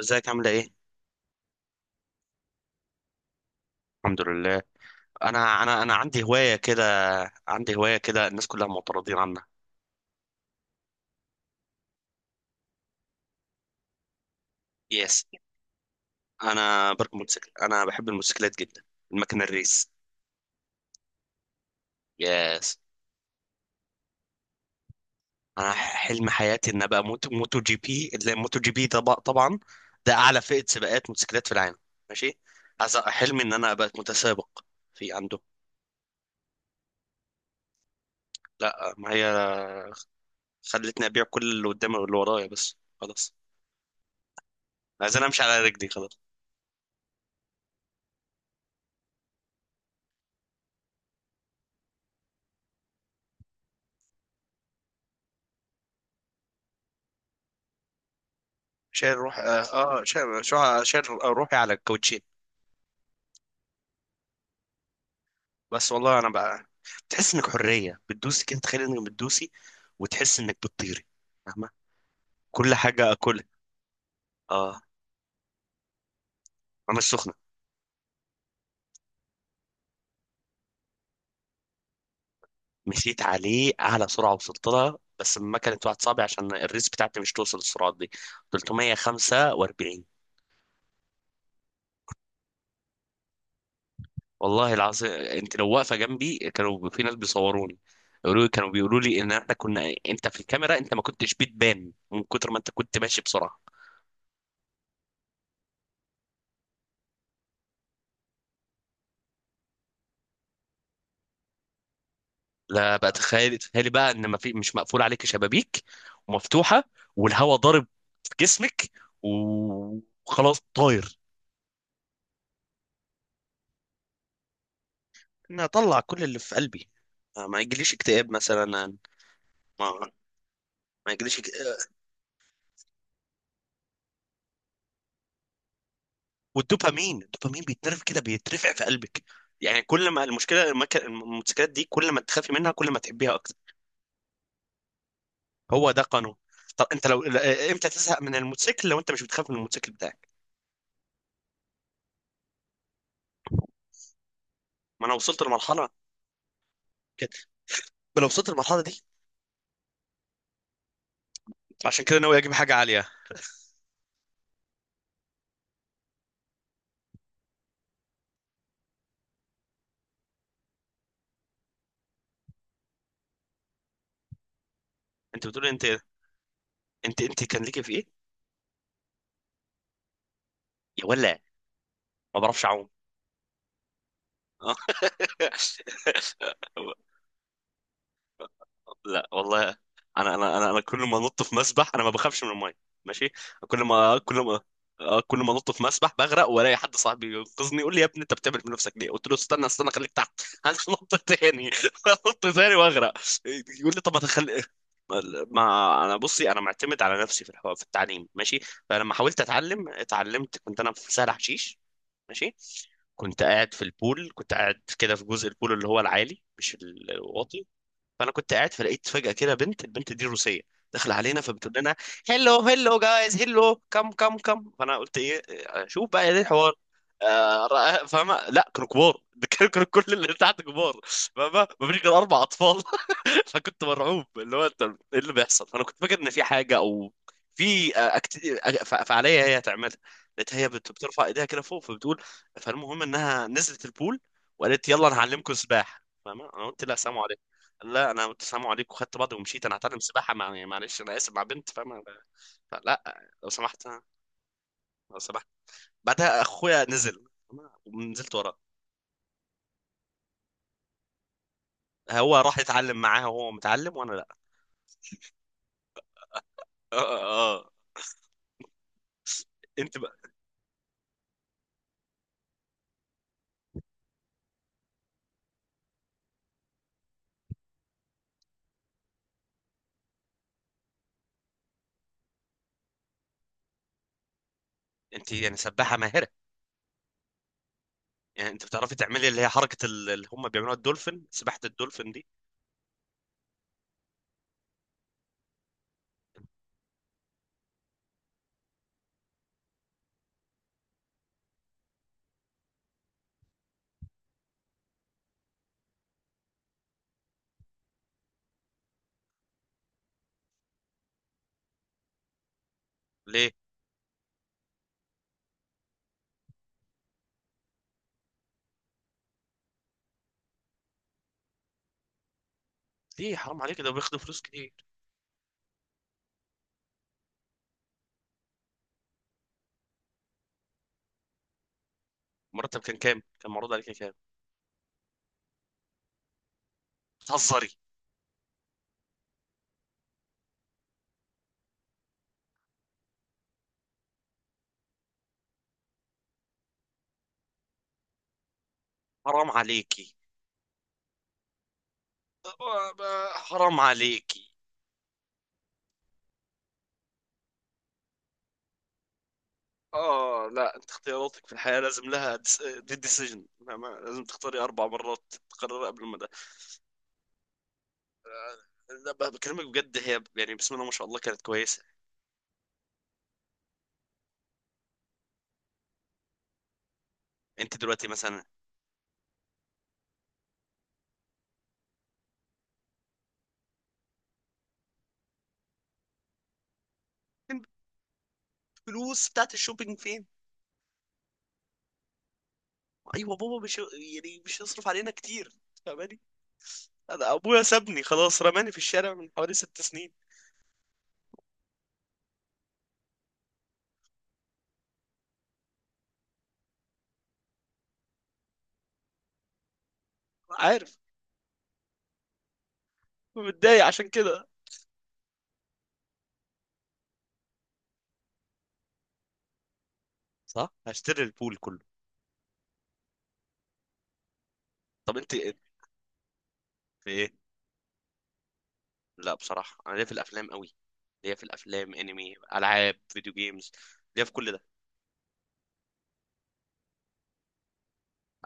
ازيك، عامله ايه؟ الحمد لله. انا عندي هوايه كده، عندي هوايه كده، الناس كلها معترضين عنها. يس. انا بركب موتوسيكل، انا بحب الموتوسيكلات جدا. المكنه الريس. يس. انا حلم حياتي ان ابقى موتو جي بي، اللي موتو جي بي طبعا ده اعلى فئه سباقات موتوسيكلات في العالم. ماشي. حلمي ان انا ابقى متسابق في عنده. لا، ما هي خلتني ابيع كل اللي قدامي واللي ورايا، بس خلاص. عايز انا امشي على رجلي خلاص. شايل روح، اه. شايل روحي على الكاوتشين. بس والله انا بقى. بتحس انك حريه، بتدوسي كده، تخيل انك بتدوسي، وتحس انك بتطيري. فاهمه؟ كل حاجه اكلها. اه، انا السخنه. مشيت عليه اعلى سرعه وصلت لها، بس لما كانت واحد صعبه عشان الريس بتاعتي مش توصل السرعات دي. 345. والله العظيم، انت لو واقفه جنبي كانوا في ناس بيصوروني يقولوا لي، كانوا بيقولوا لي ان احنا كنا، انت في الكاميرا انت ما كنتش بتبان من كتر ما انت كنت ماشي بسرعه. لا بقى، تخيلي تخيلي بقى ان ما في، مش مقفول عليك شبابيك ومفتوحه، والهواء ضارب في جسمك، وخلاص طاير. انا اطلع كل اللي في قلبي. ما يجيليش اكتئاب مثلا. ما ما يجيليش. والدوبامين بيتنرف كده، بيترفع في قلبك. يعني كل ما الموتوسيكلات دي، كل ما تخافي منها كل ما تحبيها اكتر. هو ده قانون. طب انت لو ل- آه، امتى تزهق من الموتوسيكل لو انت مش بتخاف من الموتوسيكل بتاعك؟ ما انا وصلت لمرحله كده. ما انا وصلت للمرحله دي. عشان كده ناوي اجيب حاجه عاليه. انت بتقول. انت انت كان ليك في ايه؟ يا ولا. ما بعرفش اعوم. اه. لا والله. انا كل ما انط في مسبح انا ما بخافش من الميه. ماشي. كل ما كل ما كل ما انط في مسبح بغرق، والاقي حد صاحبي ينقذني يقول لي: يا ابني انت بتعمل في نفسك ليه؟ قلت له: استنى استنى خليك تحت، هنط تاني. هنط تاني واغرق. يقول لي طب ما تخلي. ما انا بصي، انا معتمد على نفسي في التعليم. ماشي. فلما حاولت اتعلم اتعلمت، كنت انا في سهل حشيش. ماشي. كنت قاعد في البول، كنت قاعد كده في جزء البول اللي هو العالي، مش الواطي. فانا كنت قاعد، فلقيت فجأة كده بنت، البنت دي روسية داخلة علينا فبتقول لنا: هلو هلو جايز هلو كم كم كم. فانا قلت: ايه؟ شوف بقى ايه الحوار. آه، فاهمة؟ لا، كانوا كبار. ده كانوا كل اللي تحت كبار. فاهمة؟ مفيش غير 4 أطفال. فكنت مرعوب، اللي هو انت ايه اللي بيحصل، انا كنت فاكر ان في حاجه، او في فعاليه هي هتعملها. لقيت هي بترفع ايديها كده فوق، فبتقول. فالمهم انها نزلت البول وقالت: يلا انا هعلمكم سباحه. فاهمة؟ انا قلت: لا، سلام عليكم. قال لا، انا قلت سلام عليكم وخدت بعضي ومشيت. انا هتعلم سباحه مع، يعني معلش انا اسف، مع بنت؟ فاهمه؟ فلا، لو سمحت. لو سمحت. بعدها اخويا نزل، فاهمة؟ ونزلت وراه. هو راح يتعلم معاها وهو متعلم وانا لا. اه، اه، آه. انت بقى. انت يعني سباحه ماهره؟ يعني انت بتعرفي تعملي اللي هي حركه اللي هم بيعملوها الدولفين، سباحه الدولفين دي؟ ليه؟ ليه حرام عليك، ده بياخدوا فلوس كتير. مرتب كان كام؟ كان معروض عليك كام؟ بتهزري؟ حرام عليكي. حرام عليكي. اه، لا، انت اختياراتك في الحياه لازم لها، دي ديسيجن. لازم تختاري 4 مرات، تقرري قبل ما ده. لا بكلمك بجد، هي يعني بسم الله ما شاء الله كانت كويسه. انت دلوقتي مثلا. الفلوس بتاعت الشوبينج فين؟ ايوه، بابا مش يعني مش يصرف علينا كتير، فاهماني؟ أنا ابويا سابني خلاص، رماني في الشارع من حوالي 6 سنين. عارف. متضايق عشان كده. صح، هشتري البول كله. طب انت إيه؟ في ايه؟ لا بصراحه، انا ليا في الافلام قوي. ليا في الافلام، انمي، العاب فيديو جيمز. ليا في كل ده.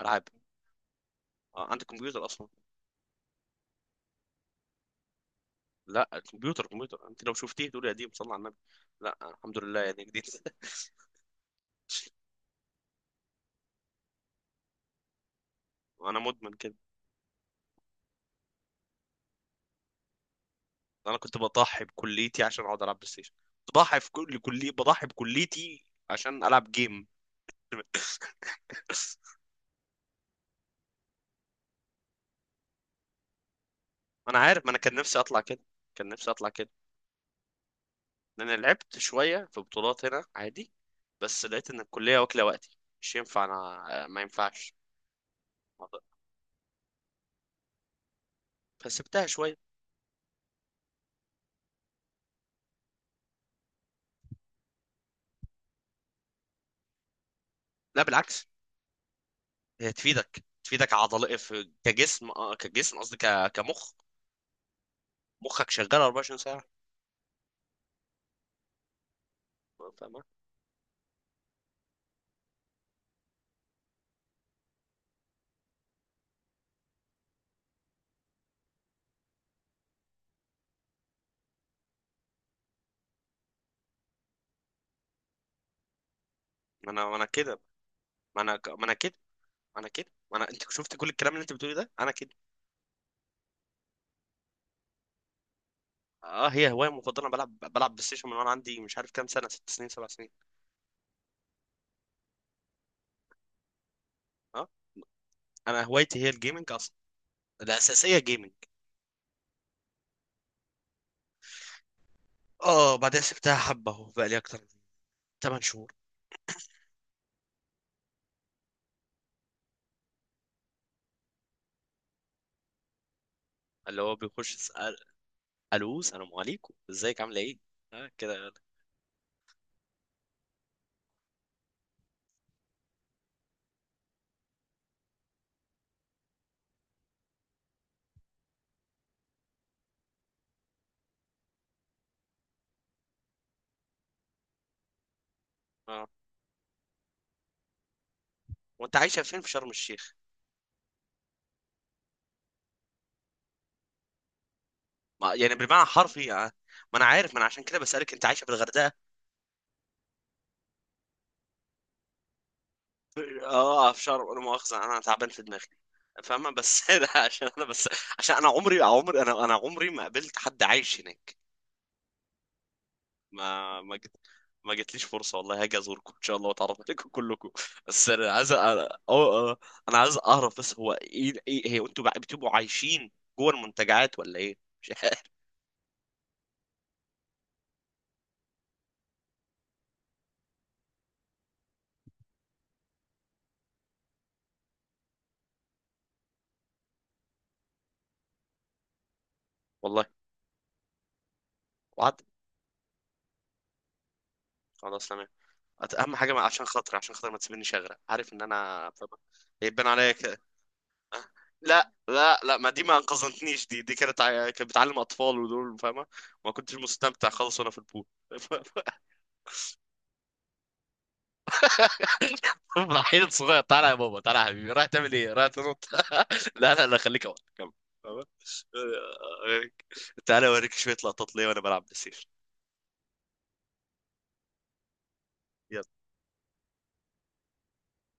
العاب. عندك كمبيوتر اصلا؟ لا، الكمبيوتر، كمبيوتر انت لو شفتيه تقولي يا دي، صلى على النبي. لا، الحمد لله، يعني جديد. وانا مدمن كده. انا كنت بضحي بكليتي عشان اقعد العب بلاي ستيشن. بضحي في كل، كلي، بضحي بكليتي عشان العب جيم. ما انا عارف، ما انا كان نفسي اطلع كده. كان نفسي اطلع كده. لان أنا لعبت شويه في بطولات هنا عادي. بس لقيت ان الكليه واكله وقتي. مش ينفع، انا ما ينفعش. فسبتها شويه. لا بالعكس. هي تفيدك عضل في كجسم، كجسم قصدي كمخ. مخك شغال 24 ساعه. فاهمة؟ ما انا كده. ما انا كده. ما انا كده، ما انا انت شفت كل الكلام اللي انت بتقولي ده، انا كده. اه، هي هوايه مفضله. أنا بلعب بلاي ستيشن من وانا عندي مش عارف كام سنه، 6 سنين 7 سنين. اه، انا هوايتي هي الجيمنج اصلا. الاساسيه جيمنج. اه، بعدين سبتها حبه اهو، بقى لي اكتر من 8 شهور. اللي هو بيخش يسال. الو، السلام عليكم، ازيك عامله ايه؟ آه كده. اه، وانت عايشه فين؟ في شرم الشيخ؟ ما يعني بالمعنى حرفي. آه. ما انا عارف، ما انا عشان كده بسالك، انت عايشه في الغردقه؟ اه في شرم، لا مؤاخذه، انا تعبان في دماغي، فاهمه؟ بس ده عشان انا، بس عشان انا عمري عمري انا انا عمري ما قابلت حد عايش هناك. ما جت. ما جتليش فرصه، والله هاجي ازوركم ان شاء الله واتعرف عليكم كلكم. بس انا عايز أو... أو- انا عايز اعرف بس، هو ايه هي، انتوا بقى بتبقوا عايشين جوه المنتجعات ولا ايه؟ مش عارف. والله. وعد. خلاص، تمام. اهم حاجه عشان خاطري، عشان خاطر ما تسيبنيش اغرق، عارف ان انا فاهم؟ هيبان عليا كده. أه؟ لا، لا، لا، ما دي ما انقذتنيش، دي كانت كانت بتعلم اطفال ودول، فاهمه؟ ما كنتش مستمتع خالص وانا في البول. راح صغير، طالع يا بابا، طالع يا حبيبي، راح تعمل ايه، راح تنط. لا، لا، لا، خليك اول، كمل. تمام؟ تعالى اوريك شويه لقطات ليا وانا بلعب بلاي ستيشن. يلا.